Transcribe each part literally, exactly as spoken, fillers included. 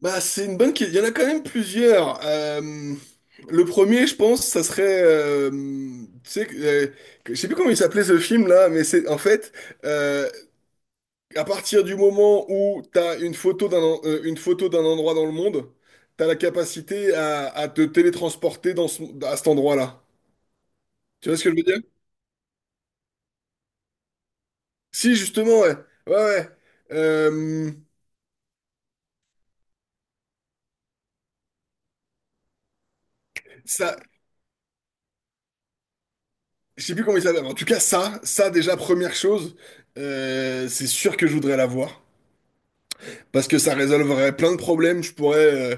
Bah, c'est une bonne question. Il y en a quand même plusieurs. Euh, le premier, je pense, ça serait, euh, tu sais, que- euh, que- je sais plus comment il s'appelait ce film là, mais c'est en fait, euh, à partir du moment où t'as une photo d'un en- euh, une photo d'un endroit dans le monde, t'as la capacité à, à te télétransporter dans ce- à cet endroit-là. Tu vois ce que je veux dire? Si, justement, ouais, ouais, ouais. Euh, ça, je sais plus comment il s'appelle. En tout cas, ça, ça déjà première chose, euh, c'est sûr que je voudrais l'avoir. Parce que ça résolverait plein de problèmes. Je pourrais euh,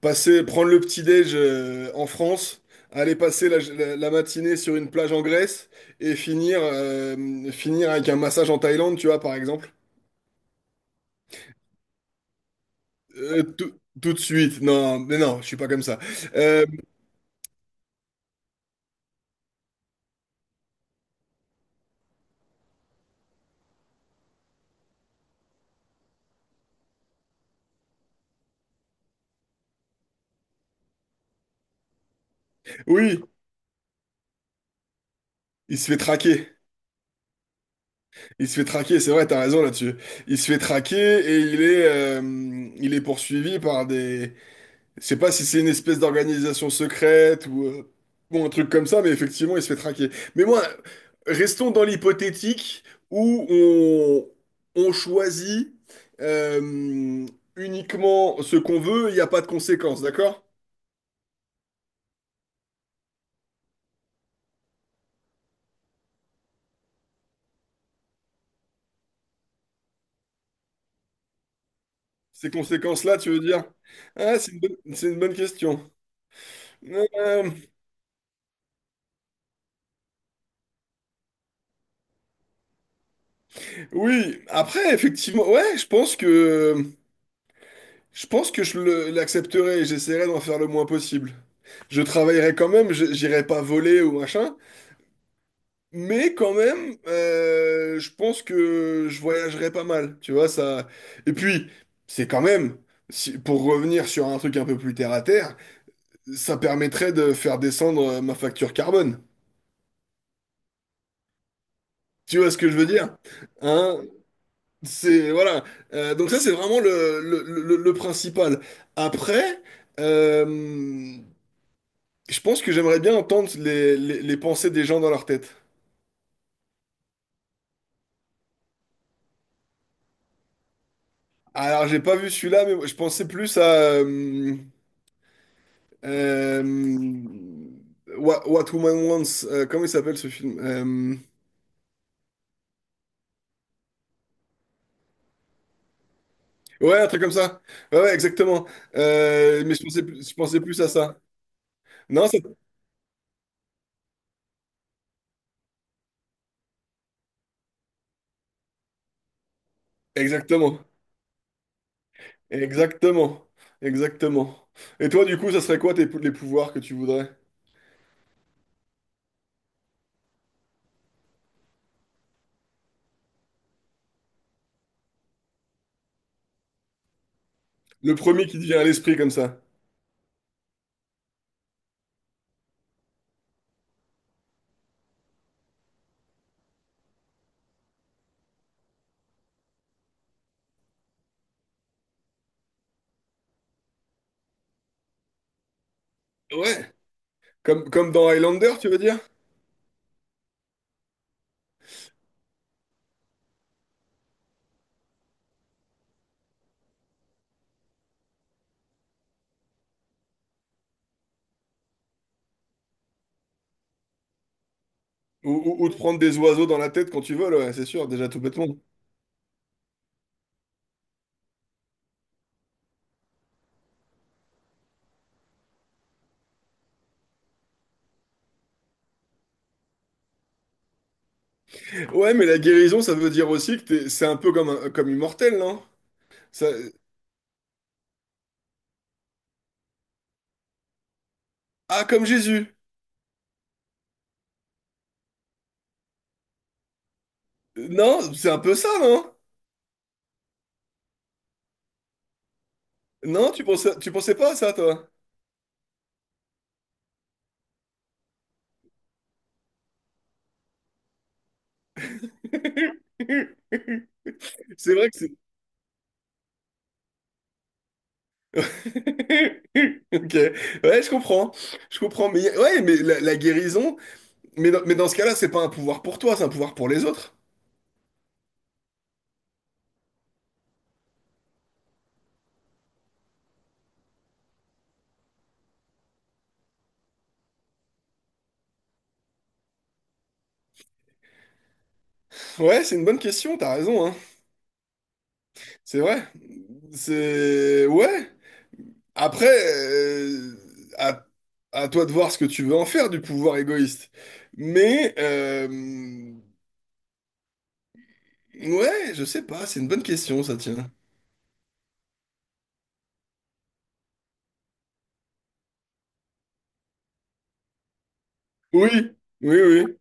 passer, prendre le petit-déj euh, en France, aller passer la, la- la matinée sur une plage en Grèce et finir, euh, finir avec un massage en Thaïlande, tu vois, par exemple. Euh, tout, tout de suite. Non, mais non, je suis pas comme ça. Euh, oui, il se fait traquer. Il se fait traquer, c'est vrai, t'as raison là-dessus. Il se fait traquer et il est, euh, il est poursuivi par des, je sais pas si c'est une espèce d'organisation secrète ou, euh, ou un truc comme ça, mais effectivement, il se fait traquer. Mais moi, restons dans l'hypothétique où on, on choisit euh, uniquement ce qu'on veut, il n'y a pas de conséquences, d'accord? Ces conséquences-là, tu veux dire? Ah, c'est une bonne, c'est une bonne question. Euh, oui, après, effectivement, ouais, je pense que… Je pense que je le- l'accepterai et j'essaierai d'en faire le moins possible. Je travaillerai quand même, je- j'irai pas voler ou machin, mais quand même, euh, je pense que je voyagerai pas mal, tu vois, ça. Et puis, c'est quand même, si- pour revenir sur un truc un peu plus terre à terre, ça permettrait de faire descendre euh, ma facture carbone. Tu vois ce que je veux dire? Hein? C'est, voilà. Euh, donc ça, c'est vraiment le, le, le- le principal. Après, euh, je pense que j'aimerais bien entendre les, les, les pensées des gens dans leur tête. Alors, j'ai pas vu celui-là, mais je pensais plus à euh, euh, What, What Woman Wants. euh, comment il s'appelle ce film? Euh, ouais, un truc comme ça. Ouais, ouais, exactement. Euh, mais je pensais, plus- je pensais plus à ça. Non, c'est… Exactement. Exactement. Exactement. Et toi, du coup, ça serait quoi tes, pou- les pouvoirs que tu voudrais? Le premier qui te vient à l'esprit comme ça. Ouais. Comme, comme dans Highlander, tu veux dire? Ou, ou- ou de prendre des oiseaux dans la tête quand tu veux ouais, c'est sûr, déjà tout bêtement. Ouais, mais la guérison, ça veut dire aussi que t'es- c'est un peu comme, un- comme immortel, non? Ça… Ah, comme Jésus. Non, c'est un peu ça, non? Non, tu pensais, tu pensais pas à ça, toi? C'est vrai que c'est… Ok, ouais, je comprends, je comprends, mais y a- ouais, mais la, la guérison, mais dans, mais dans ce cas-là, c'est pas un pouvoir pour toi, c'est un pouvoir pour les autres. Ouais, c'est une bonne question, t'as raison, hein. C'est vrai, c'est ouais. Après, euh, à, à toi de voir ce que tu veux en faire du pouvoir égoïste. Mais, euh, ouais, je sais pas, c'est une bonne question, ça tient. Oui, oui, oui,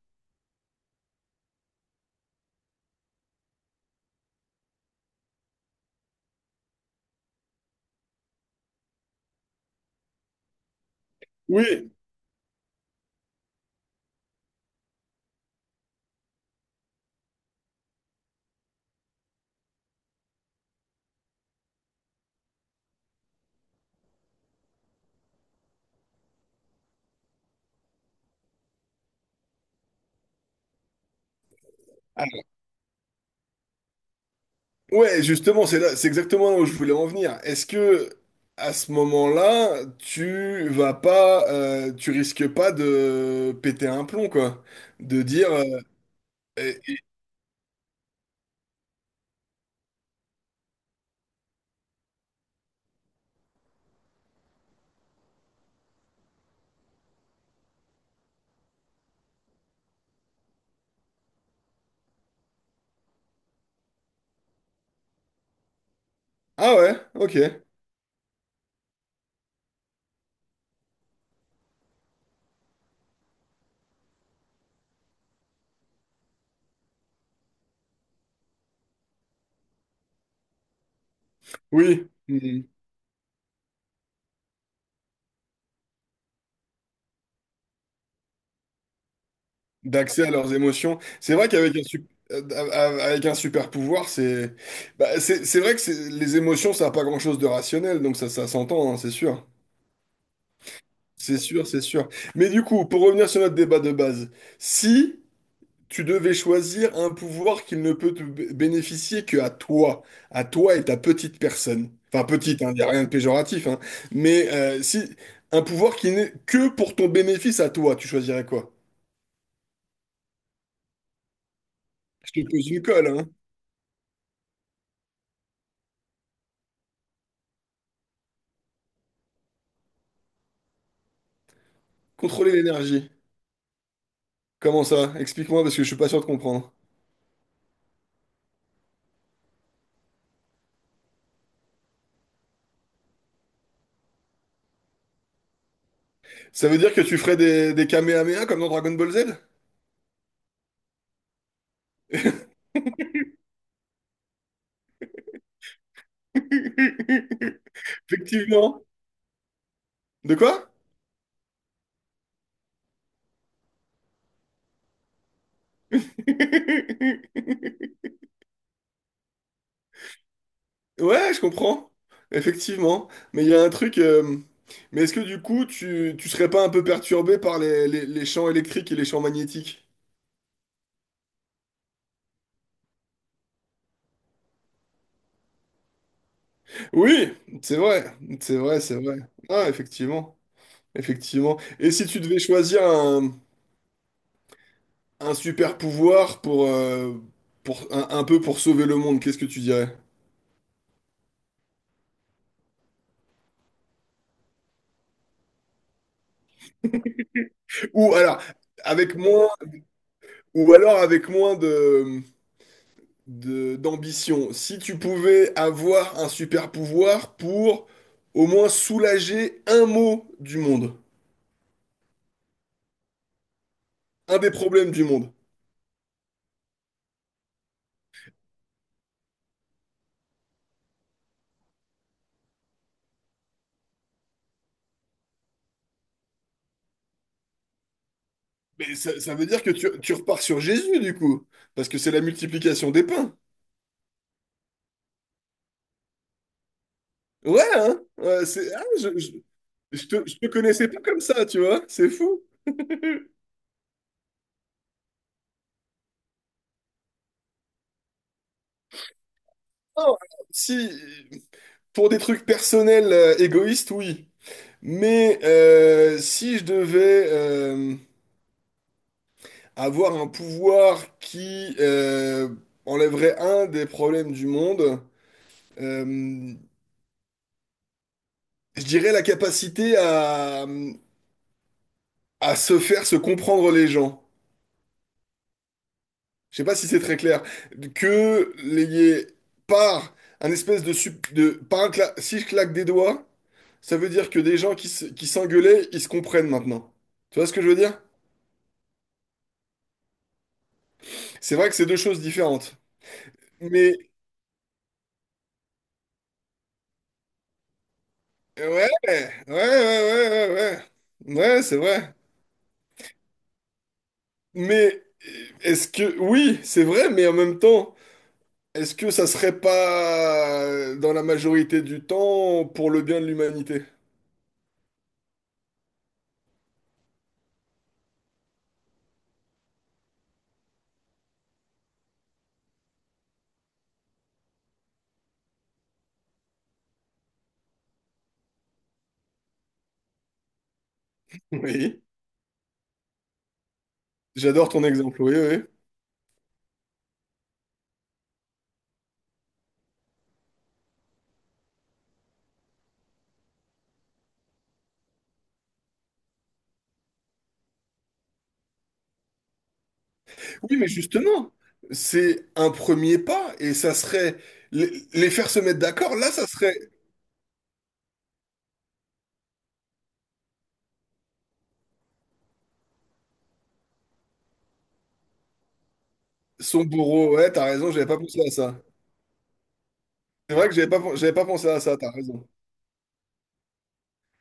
oui. Ah, ouais, justement, c'est là, c'est exactement là où je voulais en venir. Est-ce que, à ce moment-là, tu vas pas, euh, tu risques pas de péter un plomb, quoi? De dire, euh, eh, eh, ah ouais, ok, oui. Hmm. D'accès à leurs émotions. C'est vrai qu'avec un, sup- euh, a- a- avec un super pouvoir, c'est bah, c'est c'est vrai que c'est- les émotions, ça n'a pas grand-chose de rationnel, donc ça, ça s'entend, hein, c'est sûr. C'est sûr, c'est sûr. Mais du coup, pour revenir sur notre débat de base, si tu devais choisir un pouvoir qui ne peut te b- bénéficier que à toi, à toi et ta petite personne, enfin petite, il n'y a rien de péjoratif, hein, mais euh, si un pouvoir qui n'est que pour ton bénéfice à toi, tu choisirais quoi? Je te pose une colle, hein. Contrôler l'énergie. Comment ça? Explique-moi parce que je suis pas sûr de comprendre. Ça veut dire que tu ferais des, des Kamehameha comme dans Dragon Ball Z? Effectivement. De quoi? Ouais, je comprends. Effectivement. Mais il y a un truc. euh, Mais est-ce que du coup, tu, tu serais pas un peu perturbé par les, les- les champs électriques et les champs magnétiques? Oui, c'est vrai. C'est vrai, c'est vrai. Ah, effectivement. Effectivement. Et si tu devais choisir un, un super pouvoir pour, euh, pour un, un peu pour sauver le monde, qu'est-ce que tu dirais? Ou alors, avec moins, ou alors avec moins de, de- d'ambition. Si tu pouvais avoir un super pouvoir pour au moins soulager un mot du monde, un des problèmes du monde. Mais ça, ça veut dire que tu, tu repars sur Jésus, du coup, parce que c'est la multiplication des pains. Ouais, hein? Ouais, c'est, ah, je, je, je te, je te connaissais pas comme ça, tu vois, c'est fou. Non, si, pour des trucs personnels, euh, égoïstes, oui. Mais euh, si je devais euh, avoir un pouvoir qui euh, enlèverait un des problèmes du monde, euh, je dirais la capacité à, à se faire se comprendre les gens. Je sais pas si c'est très clair. Que les, par un espèce de, sup- de par un cla- si je claque des doigts, ça veut dire que des gens qui se- qui s'engueulaient, ils se comprennent maintenant. Tu vois ce que je veux dire? C'est vrai que c'est deux choses différentes. Mais ouais, ouais, ouais, ouais, ouais, ouais, ouais, c'est vrai. Mais est-ce que, oui, c'est vrai, mais en même temps, est-ce que ça serait pas dans la majorité du temps pour le bien de l'humanité? Oui, j'adore ton exemple, oui, oui. Oui, oui, mais justement, c'est un premier pas et ça serait les, les faire se mettre d'accord. Là, ça serait son bourreau. Ouais, t'as raison, j'avais pas pensé à ça. C'est vrai que j'avais pas, j'avais pas pensé à ça, t'as raison.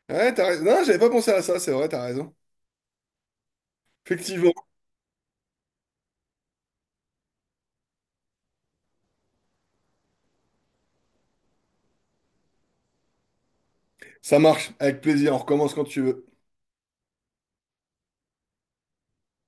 Ouais, t'as raison. Non, j'avais pas pensé à ça, c'est vrai, t'as raison. Effectivement. Ça marche, avec plaisir. On recommence quand tu veux.